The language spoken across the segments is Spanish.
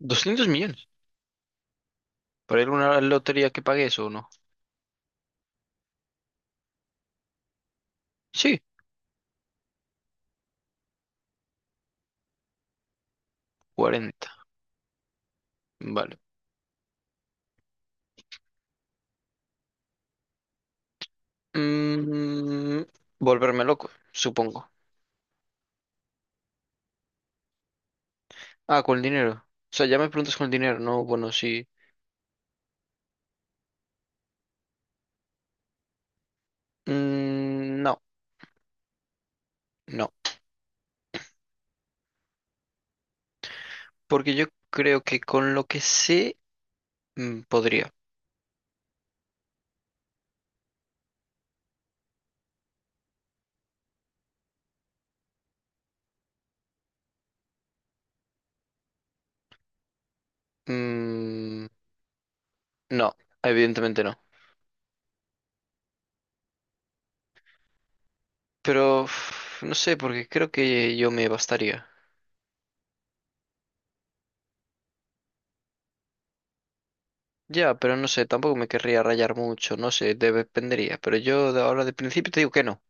Doscientos millones. ¿Para alguna lotería que pague eso o no? Sí, 40. Vale. Mm, Volverme loco, supongo. Ah, con el dinero. O sea, ya me preguntas con el dinero, ¿no? Bueno, sí. No, no. Porque yo creo que con lo que sé, podría. Mm, no, evidentemente no. Pero no sé, porque creo que yo me bastaría. Ya, pero no sé, tampoco me querría rayar mucho, no sé, dependería. Pero yo de ahora de principio te digo que no.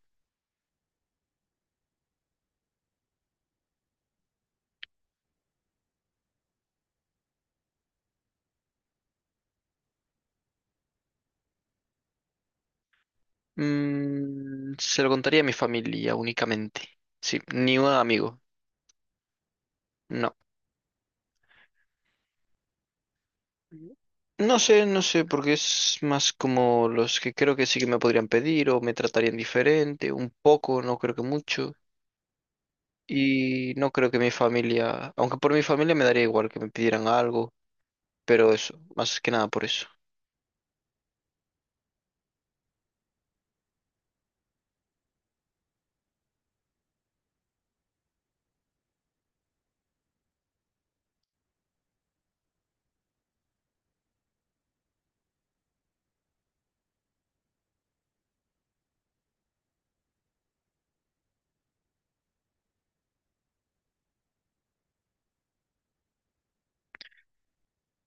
Se lo contaría a mi familia únicamente. Sí, ni un amigo. No. No sé, no sé, porque es más como los que creo que sí que me podrían pedir o me tratarían diferente, un poco, no creo que mucho. Y no creo que mi familia, aunque por mi familia me daría igual que me pidieran algo, pero eso, más que nada por eso.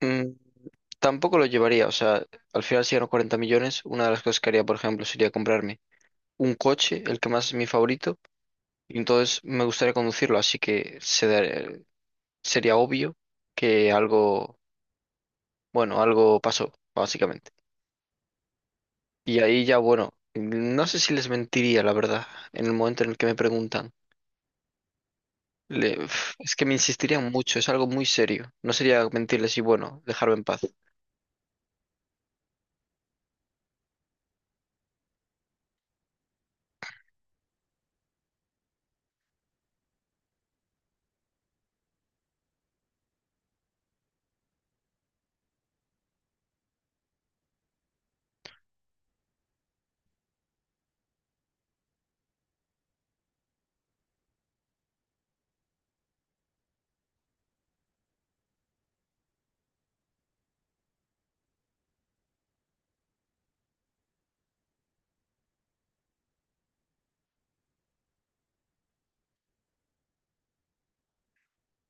Mm, Tampoco lo llevaría, o sea, al final si gano 40 millones, una de las cosas que haría, por ejemplo, sería comprarme un coche, el que más es mi favorito. Y entonces me gustaría conducirlo, así que sería obvio que algo, bueno, algo pasó, básicamente. Y ahí ya, bueno, no sé si les mentiría, la verdad, en el momento en el que me preguntan. Es que me insistirían mucho, es algo muy serio. No sería mentirles y, bueno, dejarme en paz.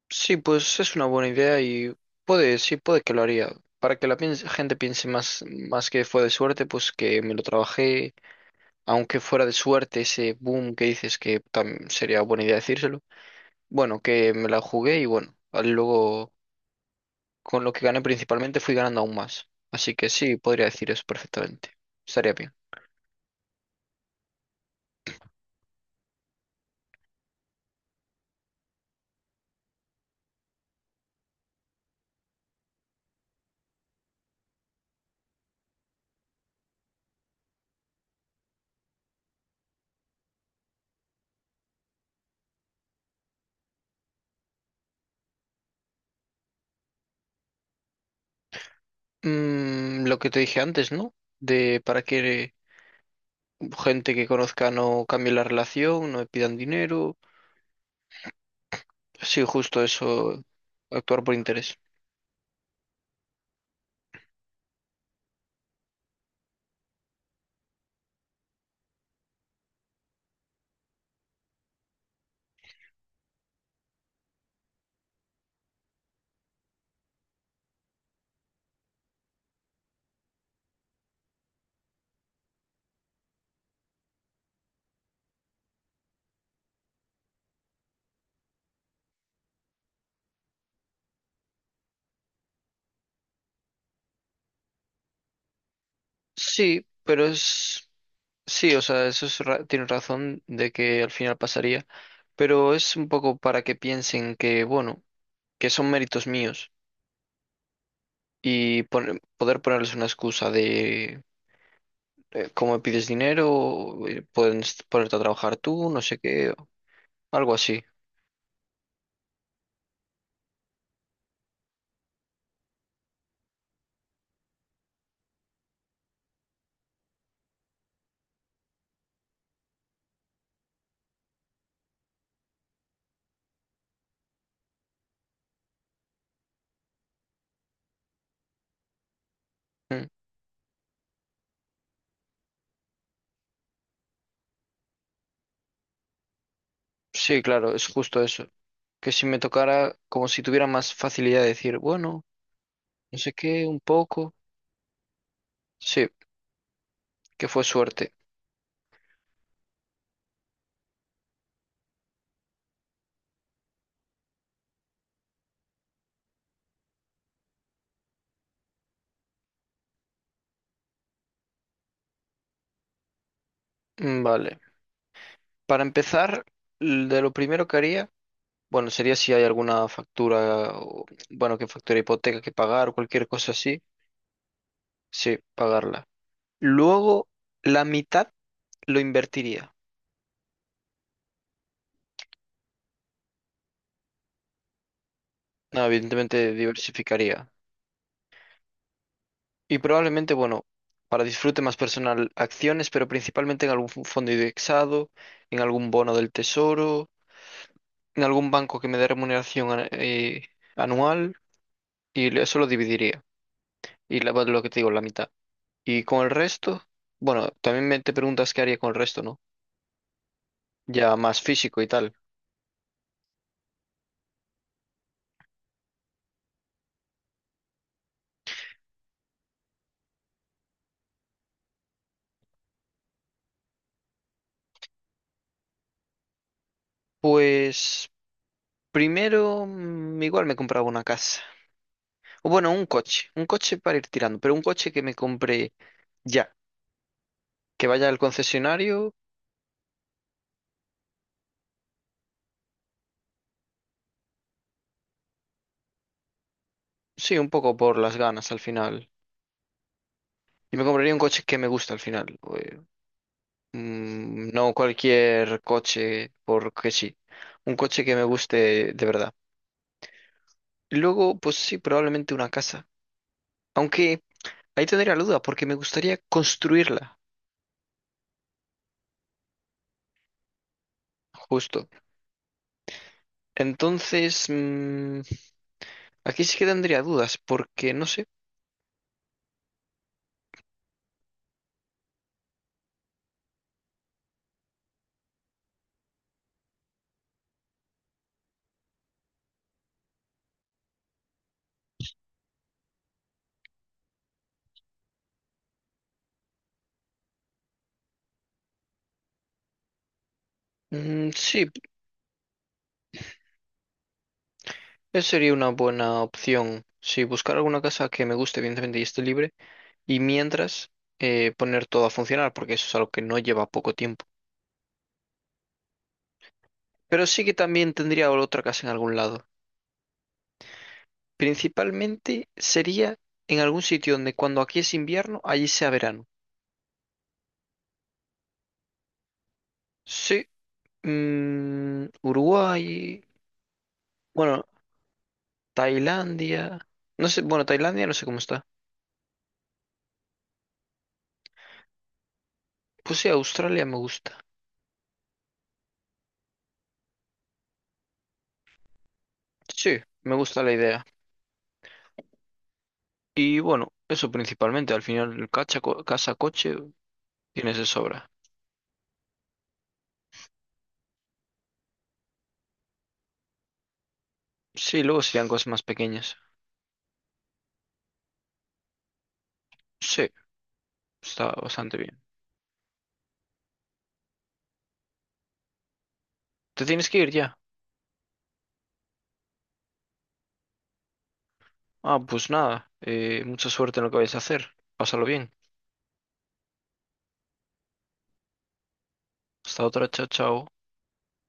Sí, pues es una buena idea y puede, sí, puede que lo haría. Para que gente piense más, más que fue de suerte, pues que me lo trabajé, aunque fuera de suerte ese boom que dices que sería buena idea decírselo, bueno, que me la jugué y bueno, luego con lo que gané principalmente fui ganando aún más. Así que sí, podría decir eso perfectamente. Estaría bien. Lo que te dije antes, ¿no? De para que gente que conozca no cambie la relación, no me pidan dinero. Sí, justo eso, actuar por interés. Sí, pero es... Sí, o sea, eso es tienes razón de que al final pasaría, pero es un poco para que piensen que, bueno, que son méritos míos y poder ponerles una excusa de cómo me pides dinero. Ponerte a trabajar tú, no sé qué, o algo así. Mm. Sí, claro, es justo eso. Que si me tocara, como si tuviera más facilidad de decir, bueno, no sé qué, un poco. Sí, que fue suerte. Vale. Para empezar, de lo primero que haría, bueno, sería si hay alguna factura, bueno, que factura hipoteca que pagar o cualquier cosa así, sí, pagarla. Luego, la mitad lo invertiría. No, evidentemente diversificaría. Y probablemente, bueno, para disfrute más personal, acciones, pero principalmente en algún fondo indexado, en algún bono del tesoro, en algún banco que me dé remuneración, anual, y eso lo dividiría. Y bueno, lo que te digo, la mitad. Y con el resto, bueno, también me te preguntas qué haría con el resto, ¿no? Ya más físico y tal. Pues primero, igual me compraba una casa. O bueno, un coche para ir tirando, pero un coche que me compre ya, que vaya al concesionario, sí, un poco por las ganas al final. Y me compraría un coche que me gusta al final. No cualquier coche porque sí. Un coche que me guste de verdad. Luego, pues sí, probablemente una casa. Aunque... Ahí tendría la duda, porque me gustaría construirla, justo. Entonces, aquí sí que tendría dudas, porque no sé. Sí, esa sería una buena opción. Sí, buscar alguna casa que me guste, evidentemente, y esté libre. Y mientras, poner todo a funcionar, porque eso es algo que no lleva poco tiempo. Pero sí que también tendría otra casa en algún lado. Principalmente sería en algún sitio donde cuando aquí es invierno, allí sea verano. Sí, Uruguay. Bueno. Tailandia. No sé, bueno, Tailandia no sé cómo está. Pues sí, Australia me gusta. Sí, me gusta la idea. Y bueno, eso principalmente. Al final, el casa, coche, tienes de sobra. Sí, luego serían cosas más pequeñas. Sí, está bastante bien. ¿Te tienes que ir ya? Ah, pues nada. Mucha suerte en lo que vais a hacer. Pásalo bien. Hasta otra, chao, chao.